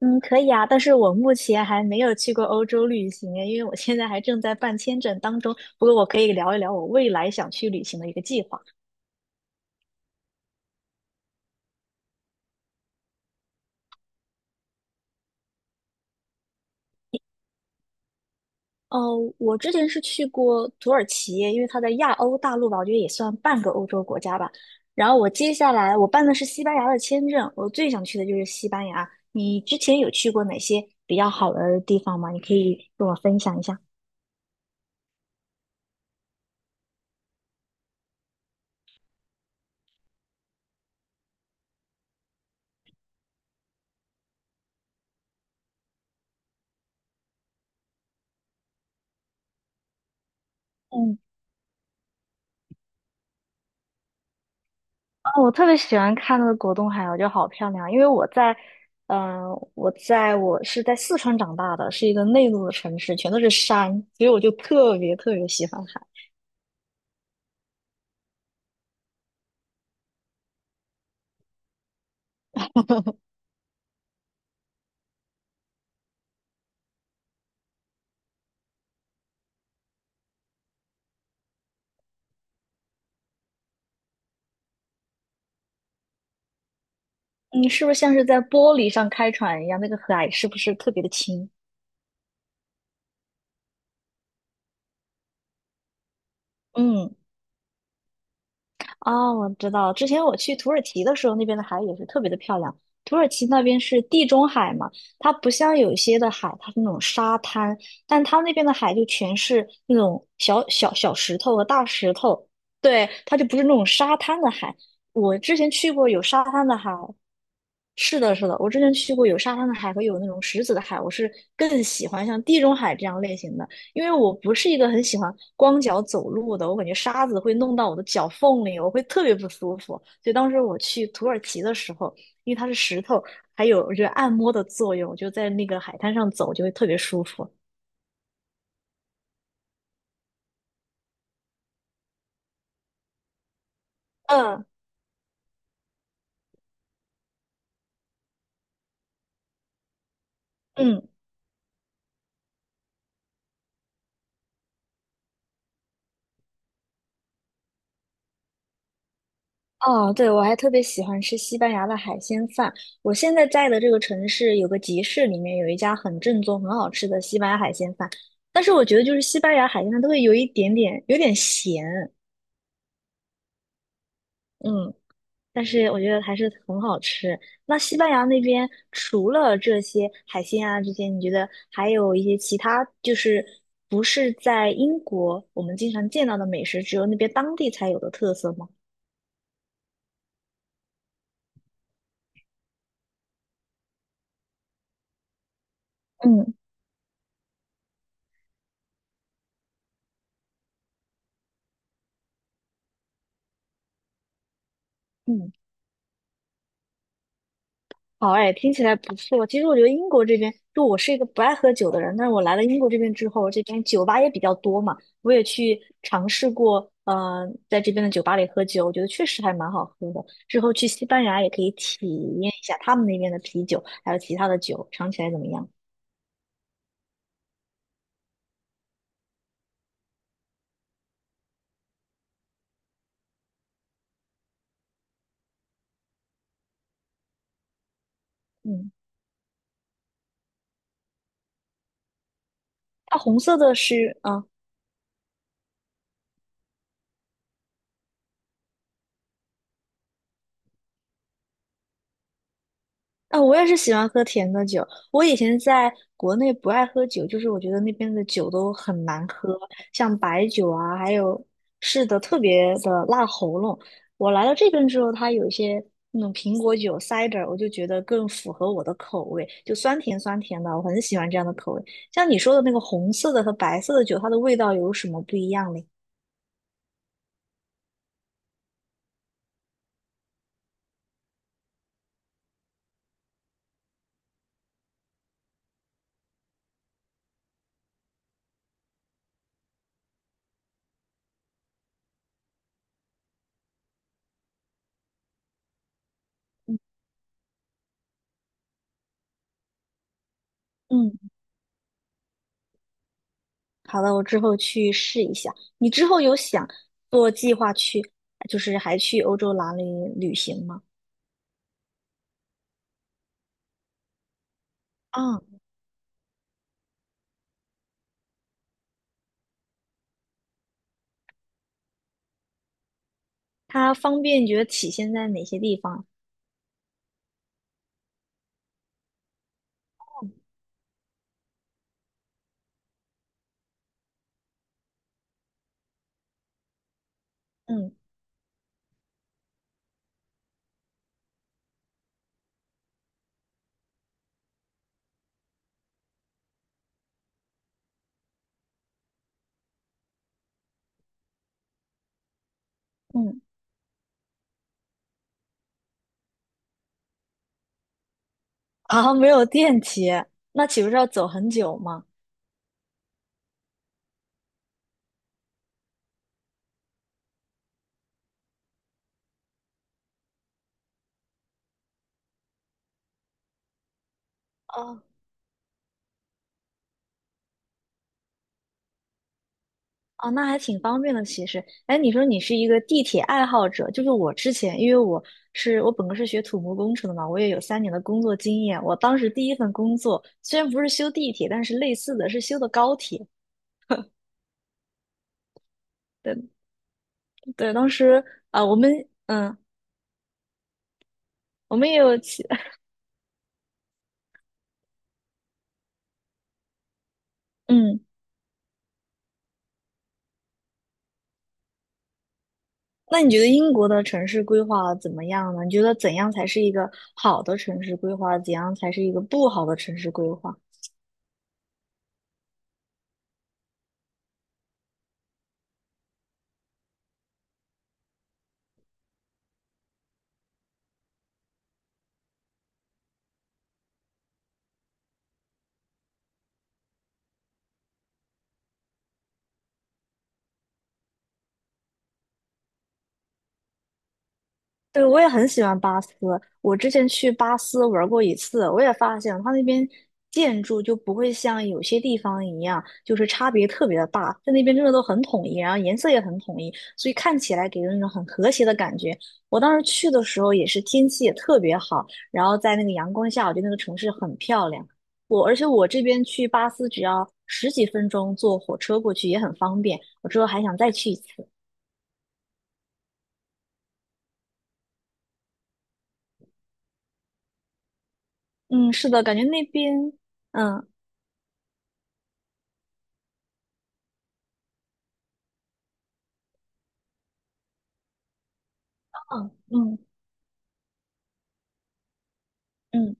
嗯，可以啊，但是我目前还没有去过欧洲旅行，因为我现在还正在办签证当中。不过我可以聊一聊我未来想去旅行的一个计划。哦，我之前是去过土耳其，因为它在亚欧大陆吧，我觉得也算半个欧洲国家吧。然后接下来我办的是西班牙的签证，我最想去的就是西班牙。你之前有去过哪些比较好的地方吗？你可以跟我分享一下。嗯。哦，我特别喜欢看那个果冻海螺，我觉得好漂亮。因为我在，嗯、我在我是在四川长大的，是一个内陆的城市，全都是山，所以我就特别特别喜欢海。嗯，是不是像是在玻璃上开船一样？那个海是不是特别的清？嗯。哦，我知道，之前我去土耳其的时候，那边的海也是特别的漂亮。土耳其那边是地中海嘛，它不像有一些的海，它是那种沙滩，但它那边的海就全是那种小小小石头和大石头，对，它就不是那种沙滩的海。我之前去过有沙滩的海，是的，是的，我之前去过有沙滩的海和有那种石子的海，我是更喜欢像地中海这样类型的。因为我不是一个很喜欢光脚走路的，我感觉沙子会弄到我的脚缝里，我会特别不舒服。所以当时我去土耳其的时候，因为它是石头，还有我觉得按摩的作用，就在那个海滩上走就会特别舒服。嗯嗯，哦，对，我还特别喜欢吃西班牙的海鲜饭。我现在在的这个城市有个集市，里面有一家很正宗、很好吃的西班牙海鲜饭。但是我觉得就是西班牙海鲜饭都会有一点点有点咸，嗯但是我觉得还是很好吃。那西班牙那边除了这些海鲜啊，这些你觉得还有一些其他，就是不是在英国我们经常见到的美食，只有那边当地才有的特色吗？嗯。嗯好哎，听起来不错。其实我觉得英国这边，就我是一个不爱喝酒的人，但是我来了英国这边之后，这边酒吧也比较多嘛，我也去尝试过，嗯，在这边的酒吧里喝酒，我觉得确实还蛮好喝的。之后去西班牙也可以体验一下他们那边的啤酒，还有其他的酒，尝起来怎么样？嗯，它红色的是，嗯、啊、我也是喜欢喝甜的酒。我以前在国内不爱喝酒，就是我觉得那边的酒都很难喝，像白酒啊，是的，特别的辣喉咙。我来到这边之后，它有一些那种苹果酒 cider，我就觉得更符合我的口味，就酸甜酸甜的，我很喜欢这样的口味。像你说的那个红色的和白色的酒，它的味道有什么不一样嘞？嗯好的，我之后去试一下。你之后有想做计划去，就是还去欧洲哪里旅行吗？嗯它方便，觉得体现在哪些地方？嗯嗯，啊，没有电梯，那岂不是要走很久吗？哦哦，那还挺方便的，其实。哎，你说你是一个地铁爱好者，就是我之前，因为我本科是学土木工程的嘛，我也有三年的工作经验。我当时第一份工作虽然不是修地铁，但是类似的是修的高铁。对。对，当时啊，我们嗯，我们也有其 嗯，那你觉得英国的城市规划怎么样呢？你觉得怎样才是一个好的城市规划？怎样才是一个不好的城市规划？对，我也很喜欢巴斯。我之前去巴斯玩过一次，我也发现它那边建筑就不会像有些地方一样，就是差别特别的大。在那边真的都很统一，然后颜色也很统一，所以看起来给人一种很和谐的感觉。我当时去的时候也是天气也特别好，然后在那个阳光下，我觉得那个城市很漂亮。而且我这边去巴斯只要十几分钟坐火车过去也很方便。我之后还想再去一次。嗯，是的，感觉那边，嗯。嗯嗯嗯，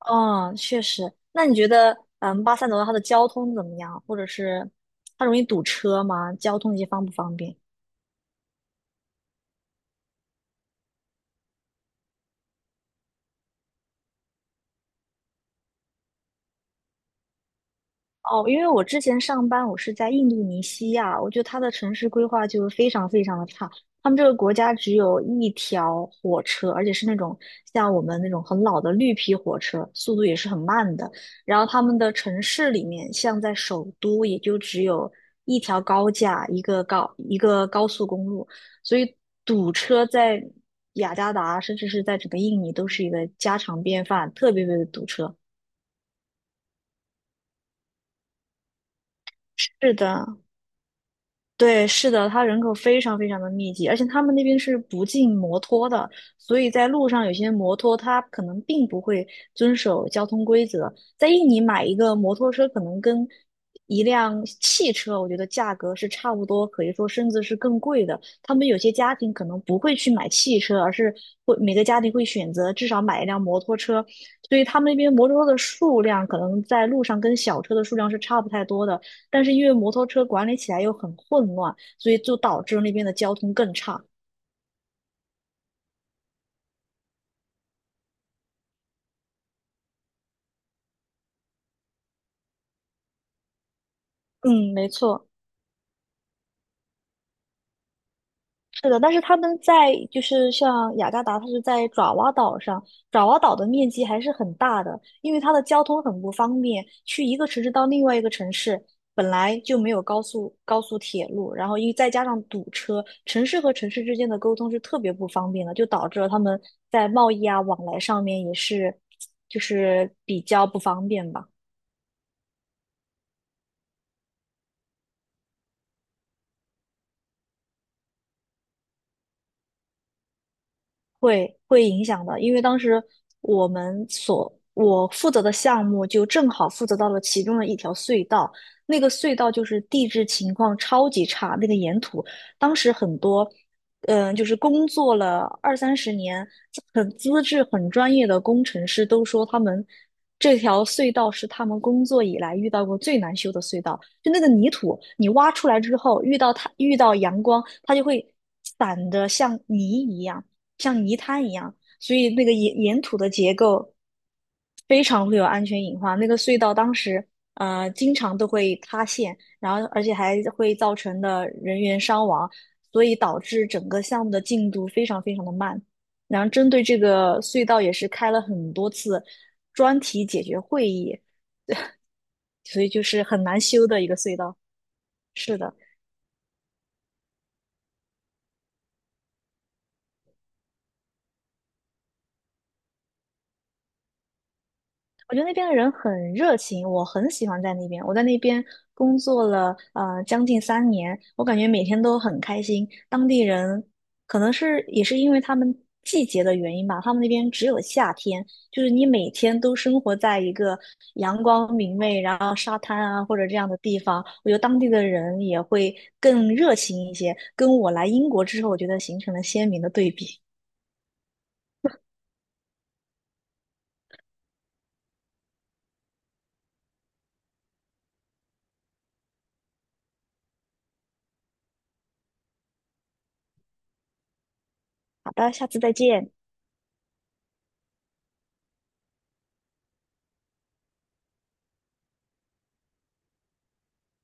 哦，确实。那你觉得，巴塞罗那它的交通怎么样？或者是它容易堵车吗？交通这些方不方便？哦，因为我之前上班，我是在印度尼西亚，我觉得它的城市规划就是非常非常的差。他们这个国家只有一条火车，而且是那种像我们那种很老的绿皮火车，速度也是很慢的。然后他们的城市里面，像在首都，也就只有一条高架，一个高速公路，所以堵车在雅加达，甚至是在整个印尼都是一个家常便饭，特别特别的堵车。是的，对，是的，它人口非常非常的密集，而且他们那边是不禁摩托的，所以在路上有些摩托它可能并不会遵守交通规则。在印尼买一个摩托车，可能跟一辆汽车，我觉得价格是差不多，可以说甚至是更贵的。他们有些家庭可能不会去买汽车，而是每个家庭会选择至少买一辆摩托车，所以他们那边摩托车的数量可能在路上跟小车的数量是差不太多的。但是因为摩托车管理起来又很混乱，所以就导致那边的交通更差。嗯，没错，是的。但是他们在就是像雅加达，它是在爪哇岛上，爪哇岛的面积还是很大的，因为它的交通很不方便，去一个城市到另外一个城市。本来就没有高速铁路，然后因为再加上堵车，城市和城市之间的沟通是特别不方便的，就导致了他们在贸易啊往来上面也是，就是比较不方便吧。会影响的，因为当时我们所我负责的项目就正好负责到了其中的一条隧道，那个隧道就是地质情况超级差，那个岩土，当时很多，就是工作了二三十年，很资质很专业的工程师都说他们这条隧道是他们工作以来遇到过最难修的隧道，就那个泥土，你挖出来之后，遇到阳光，它就会散得像泥一样。像泥滩一样，所以那个岩土的结构非常会有安全隐患。那个隧道当时经常都会塌陷，然后而且还会造成的人员伤亡，所以导致整个项目的进度非常非常的慢。然后针对这个隧道也是开了很多次专题解决会议，所以就是很难修的一个隧道。是的。我觉得那边的人很热情，我很喜欢在那边。我在那边工作了将近三年，我感觉每天都很开心。当地人可能是也是因为他们季节的原因吧，他们那边只有夏天，就是你每天都生活在一个阳光明媚，然后沙滩啊或者这样的地方，我觉得当地的人也会更热情一些，跟我来英国之后，我觉得形成了鲜明的对比。好的，下次再见。